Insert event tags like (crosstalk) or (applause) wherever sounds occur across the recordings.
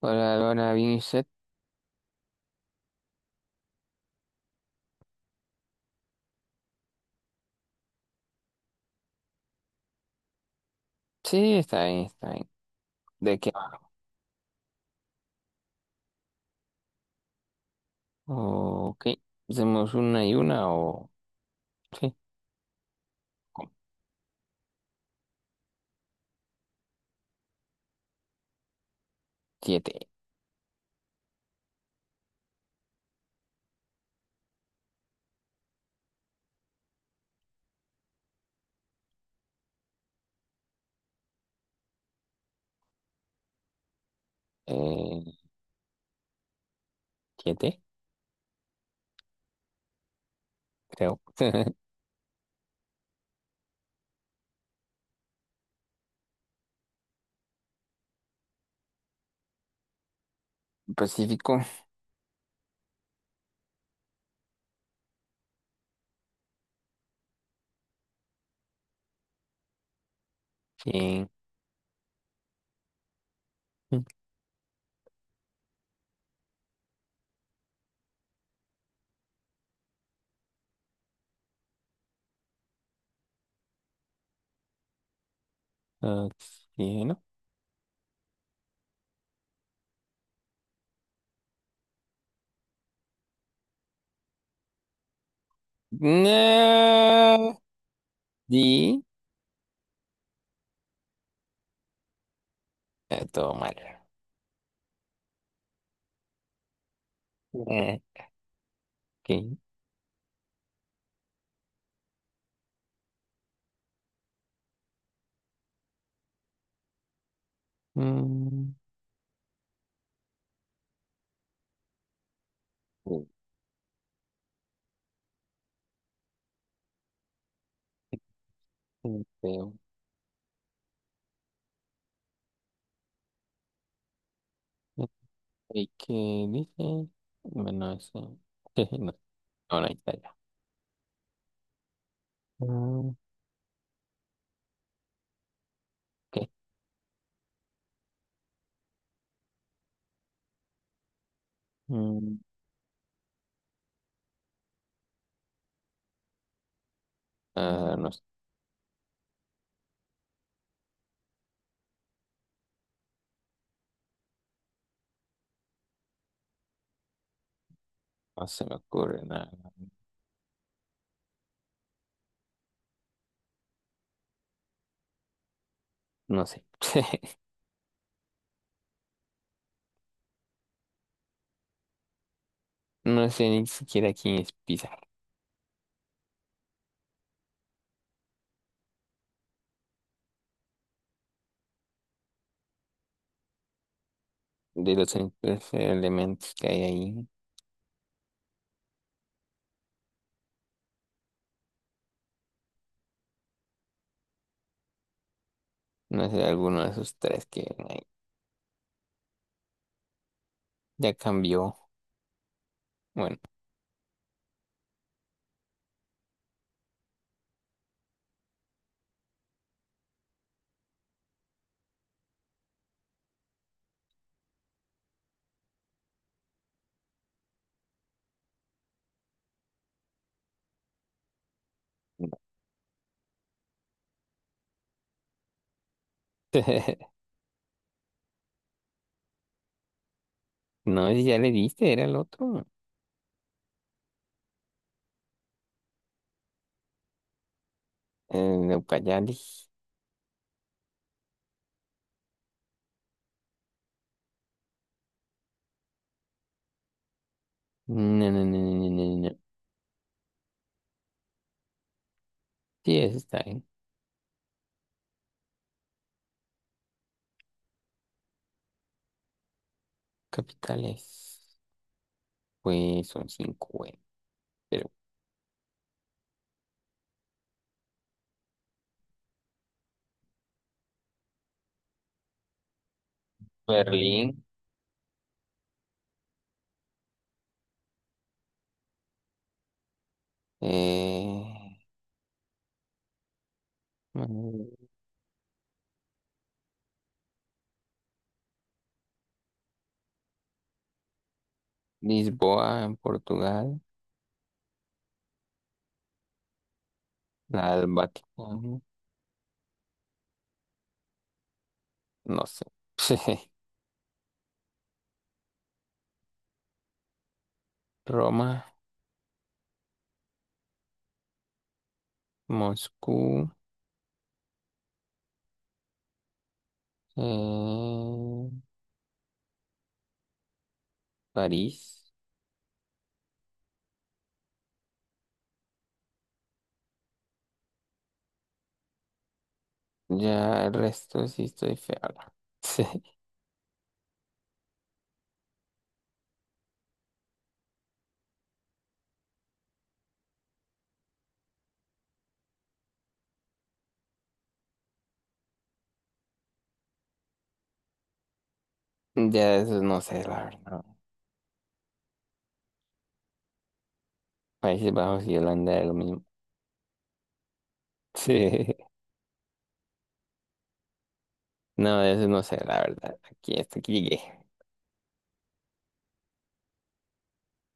Hola, Laura, ¿bien y usted? Sí, está bien, está bien. ¿De qué va? Ok, hacemos una y una o Sí, siete. Eh, siete, creo. (laughs) Pacífico. Bien. Oxígeno. No. Di. Todo mal. Eh, ok. Mm, sí, creo. ¿Y qué dice? Bueno, eso. (laughs) No, no, ahí está ya. Ah, ok. Mm, ah, no. No se me ocurre nada. No sé. (laughs) No sé ni siquiera quién es Pizarro. De los tres elementos que hay ahí, no sé, alguno de esos tres que hay. Ya cambió. Bueno, no. (laughs) No, si ya le diste, era el otro. El Ucayali. No, no, no, no, no, no, no. Sí, eso está bien. Capitales, pues son cinco, güey. Pero Berlín, eh, mm, Lisboa en Portugal, la del Vaticano. No sé. (laughs) Roma, Moscú, eh, París. Ya el resto sí estoy feo. Sí. (laughs) Ya eso no sé, la verdad. Países Bajos y Holanda es lo mismo. (laughs) Sí. No, de eso no sé, la verdad. Aquí hasta aquí llegué.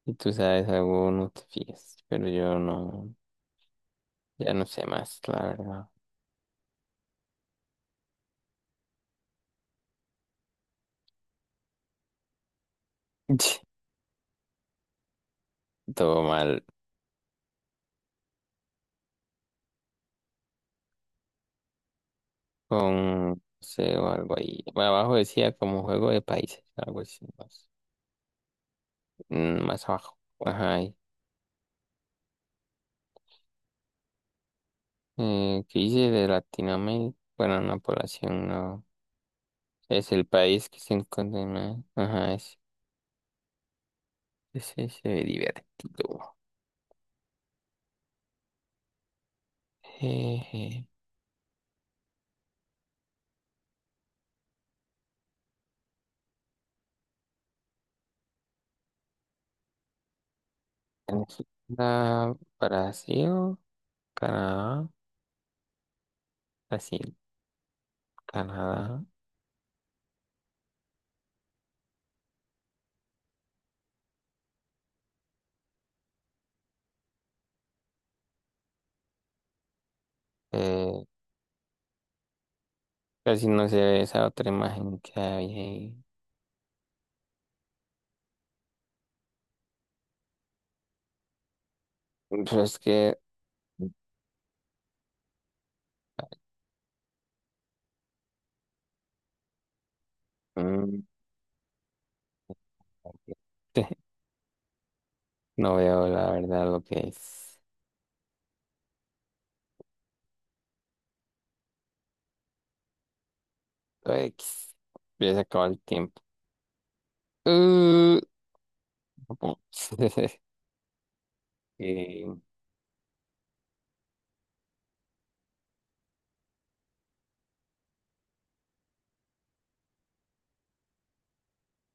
Si tú sabes algo, no te fíes. Pero yo no, ya no sé más, la verdad. (laughs) Todo mal. Con, no sé, o algo ahí. Abajo decía como juego de países, algo así, no sé. Más abajo. Ajá. Ahí. ¿Qué dice de Latinoamérica? Bueno, una población no. Es el país que se encuentra en Ajá. Es divertido. Eh, Venezuela, Brasil, Canadá, Brasil, Canadá. Eh, casi no se ve esa otra imagen que hay ahí. Pues es que mm, (laughs) no veo la verdad lo que es. Lo X. Ya se acabó el tiempo. Uh, Japón. (laughs) Eh,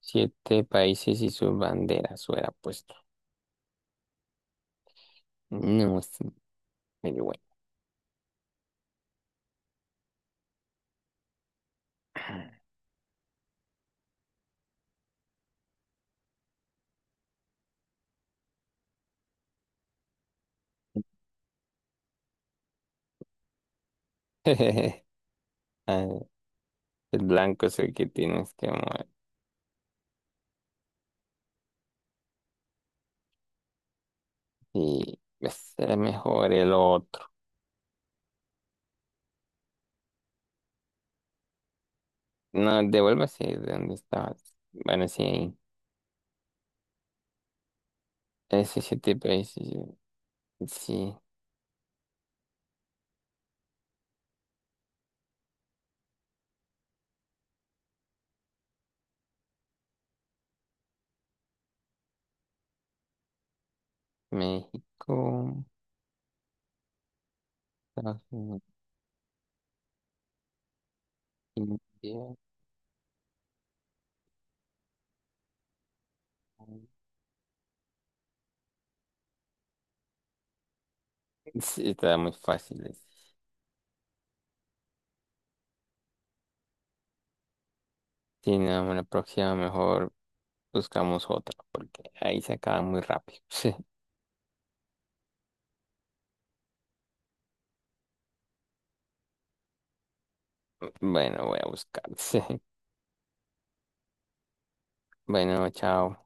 siete países y sus banderas hubiera puesto. No, es medio bueno. (laughs) Ah, el blanco es el que tienes que mover. Y pues, era mejor el otro. No, devuélvase de donde estabas. Bueno, sí, ahí. Ese siete países. Sí, México, Estados Unidos, India. Sí, está muy fácil. Ese. Sí, no, la próxima mejor buscamos otra, porque ahí se acaba muy rápido. (laughs) Bueno, voy a buscar. (laughs) Bueno, chao.